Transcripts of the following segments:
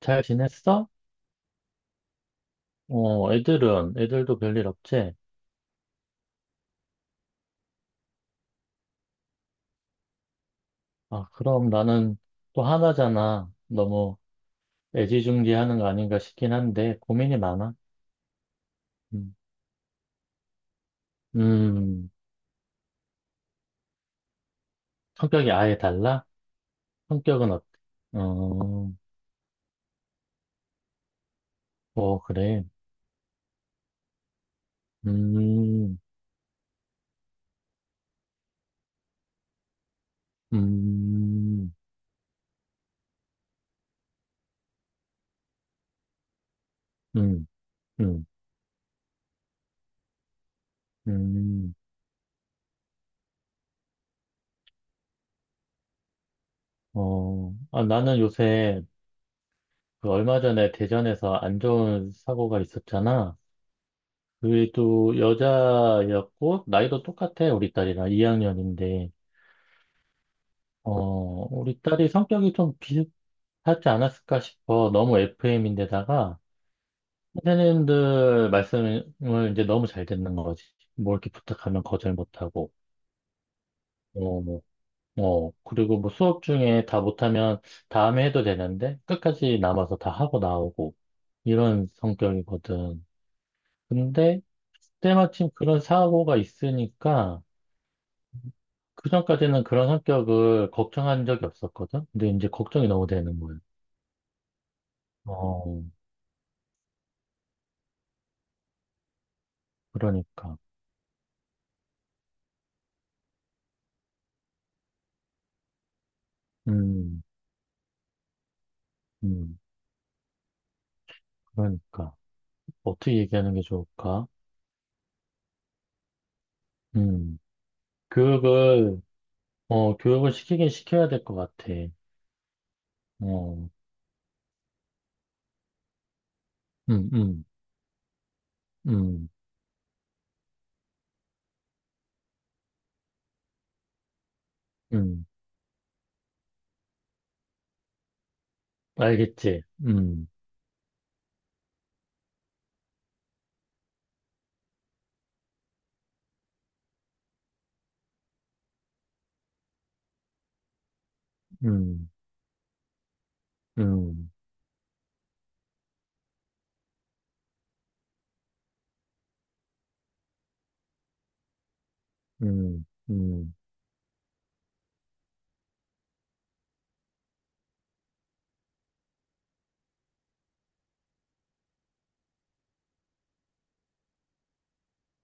잘 지냈어? 어, 애들도 별일 없지? 아, 그럼 나는 또 하나잖아. 너무 애지중지하는 거 아닌가 싶긴 한데, 고민이 많아. 음, 음, 성격이 아예 달라? 성격은 어때? 어, 어, 그래. 음, 음, 음, 음, 음, 어, 아, 나는 요새 그 얼마 전에 대전에서 안 좋은 사고가 있었잖아. 그게 또 여자였고, 나이도 똑같아, 우리 딸이랑 2학년인데, 어, 우리 딸이 성격이 좀 비슷하지 않았을까 싶어. 너무 FM인데다가, 선생님들 말씀을 이제 너무 잘 듣는 거지. 뭐 이렇게 부탁하면 거절 못하고, 어, 뭐, 어, 그리고 뭐 수업 중에 다 못하면 다음에 해도 되는데, 끝까지 남아서 다 하고 나오고, 이런 성격이거든. 근데, 때마침 그런 사고가 있으니까, 그전까지는 그런 성격을 걱정한 적이 없었거든? 근데 이제 걱정이 너무 되는 거예요. 어, 그러니까. 음, 음, 그러니까. 어떻게 얘기하는 게 좋을까? 음, 교육을, 어, 교육을 시키긴 시켜야 될 것 같아. 어, 음, 음, 음, 음. 알겠지? 음, 음, 음, 음, 음,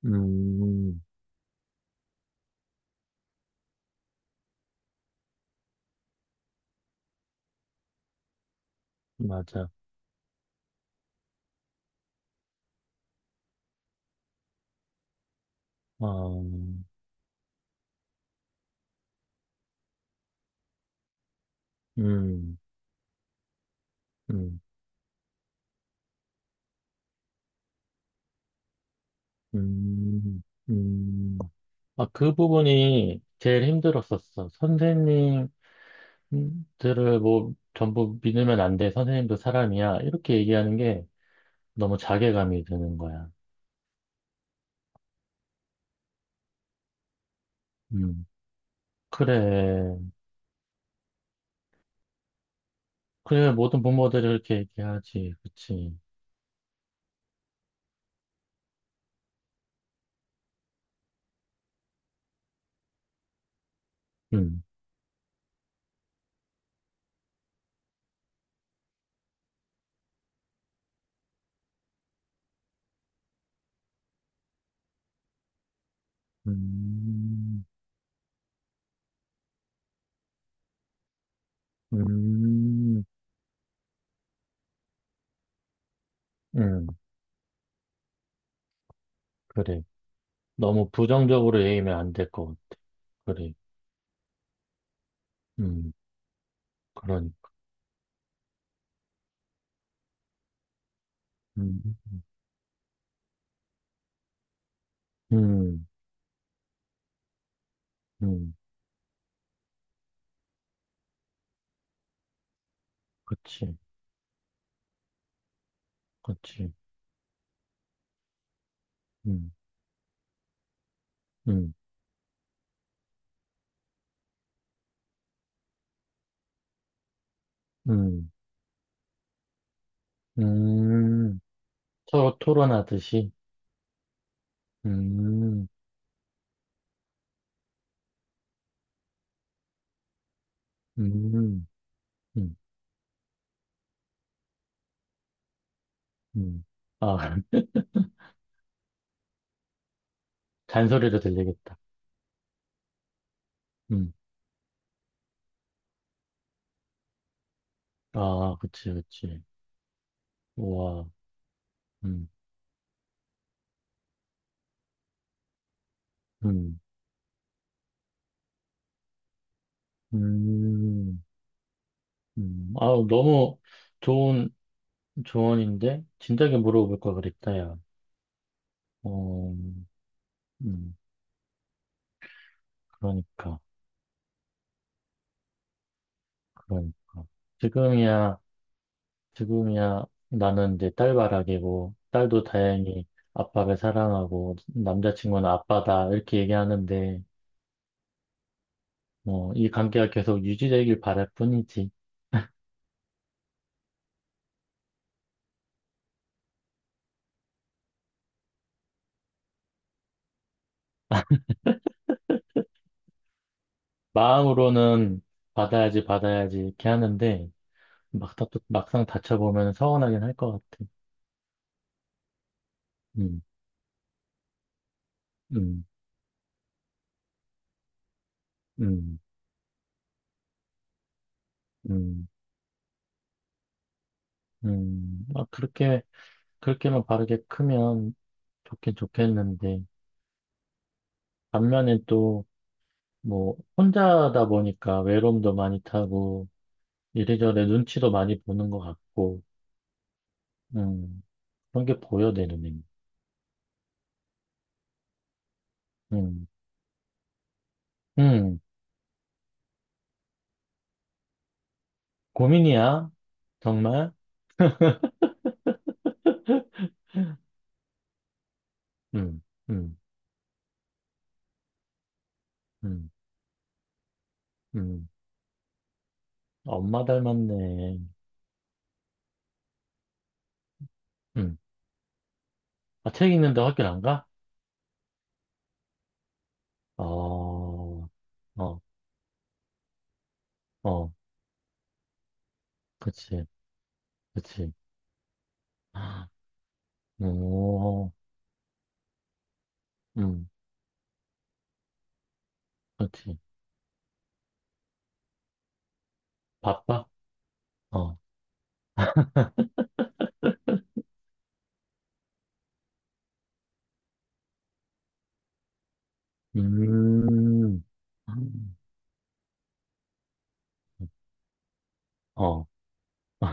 음, 음. 맞아. 어, 음, 음, 음, 음. 아, 그 부분이 제일 힘들었었어. 선생님들을 뭐 전부 믿으면 안 돼. 선생님도 사람이야. 이렇게 얘기하는 게 너무 자괴감이 드는 거야. 음, 그래. 그래, 모든 부모들이 이렇게 얘기하지. 그치. 음, 음, 음, 음, 그래. 너무 부정적으로 얘기하면 안 될 것 같아. 그래. 음, 그러니까. 음, 음, 음, 그치. 그치. 음, 음, 음. 음, 서로 토론하듯이. 음, 음, 음, 음. 아, 잔소리로 들리겠다. 음, 아, 그치, 그치. 우와, 음, 음, 음, 아, 너무 좋은 조언인데? 진작에 물어볼 걸 그랬다, 야. 어, 음, 그러니까, 그러니까. 지금이야. 지금이야 나는 이제 딸바라기고 딸도 다행히 아빠를 사랑하고 남자친구는 아빠다 이렇게 얘기하는데 뭐 이 관계가 계속 유지되길 바랄 뿐이지 마음으로는 받아야지 받아야지 이렇게 하는데 막상 다쳐보면 서운하긴 할 것 같아. 음, 음, 음, 음, 막 그렇게 그렇게만 바르게 크면 좋긴 좋겠는데 반면에 또 뭐 혼자다 보니까 외로움도 많이 타고 이래저래 눈치도 많이 보는 것 같고, 음, 그런 게 보여, 내 눈에는. 음, 음, 고민이야. 정말? 음, 음, 음, 음. 엄마 닮았네. 음. 아, 책 읽는데 학교 안 가? 어, 어, 어, 그치, 그치. 아, 오, 음, 그치. 바빠? 어, 음, 음, 어,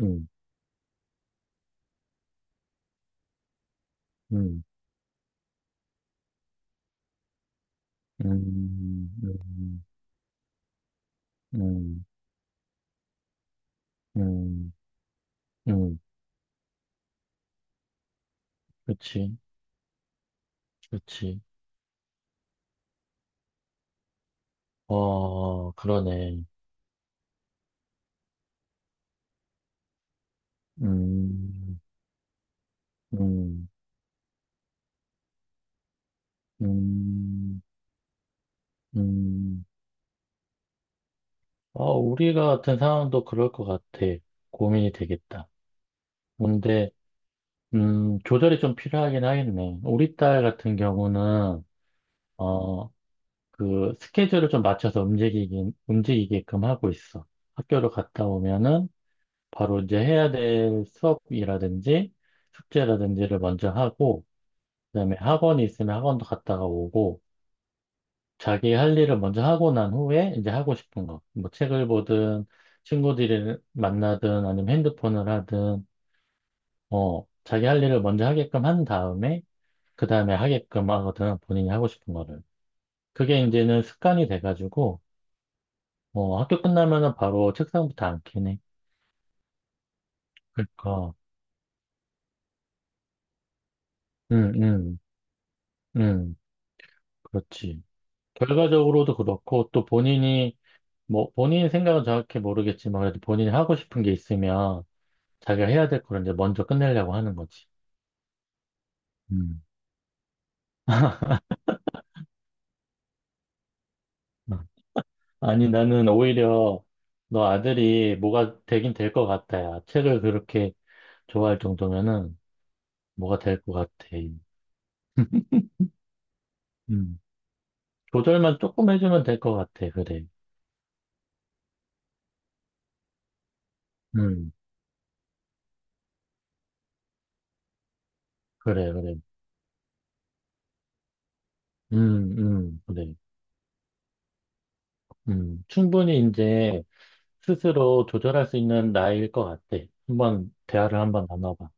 음, 음, 음, 음, 음, 음. 음, 그치, 그치. 어, 그러네. 음, 음, 음, 음. 아, 우리가 같은 상황도 그럴 것 같아. 고민이 되겠다. 근데, 조절이 좀 필요하긴 하겠네. 우리 딸 같은 경우는, 어, 그, 스케줄을 좀 맞춰서 움직이게끔 하고 있어. 학교를 갔다 오면은, 바로 이제 해야 될 수업이라든지, 숙제라든지를 먼저 하고, 그다음에 학원이 있으면 학원도 갔다가 오고 자기 할 일을 먼저 하고 난 후에 이제 하고 싶은 거. 뭐 책을 보든 친구들을 만나든 아니면 핸드폰을 하든 어 자기 할 일을 먼저 하게끔 한 다음에 그다음에 하게끔 하거든 본인이 하고 싶은 거를. 그게 이제는 습관이 돼가지고 어 학교 끝나면은 바로 책상부터 앉긴 해. 그러니까 음, 음, 음, 그렇지. 결과적으로도 그렇고 또 본인이 뭐 본인 생각은 정확히 모르겠지만 그래도 본인이 하고 싶은 게 있으면 자기가 해야 될 걸 이제 먼저 끝내려고 하는 거지. 음. 아니 나는 오히려 너 아들이 뭐가 되긴 될 것 같아. 야 책을 그렇게 좋아할 정도면은 뭐가 될 것 같아. 음. 조절만 조금 해주면 될 것 같아. 그래. 음. 그래 그래. 음. 음. 그래. 음. 충분히 이제 스스로 조절할 수 있는 나이일 것 같아. 한번 대화를 한번 나눠봐.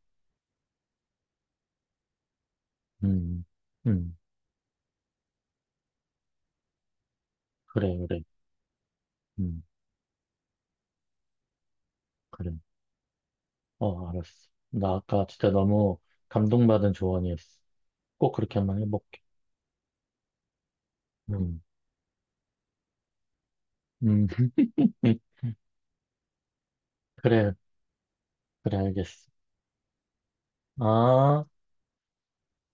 음, 음, 그래, 그래, 음, 그래. 어, 알았어. 나 아까 진짜 너무 감동받은 조언이었어. 꼭 그렇게 한번 해볼게. 음, 음, 그래, 그래, 알겠어. 아.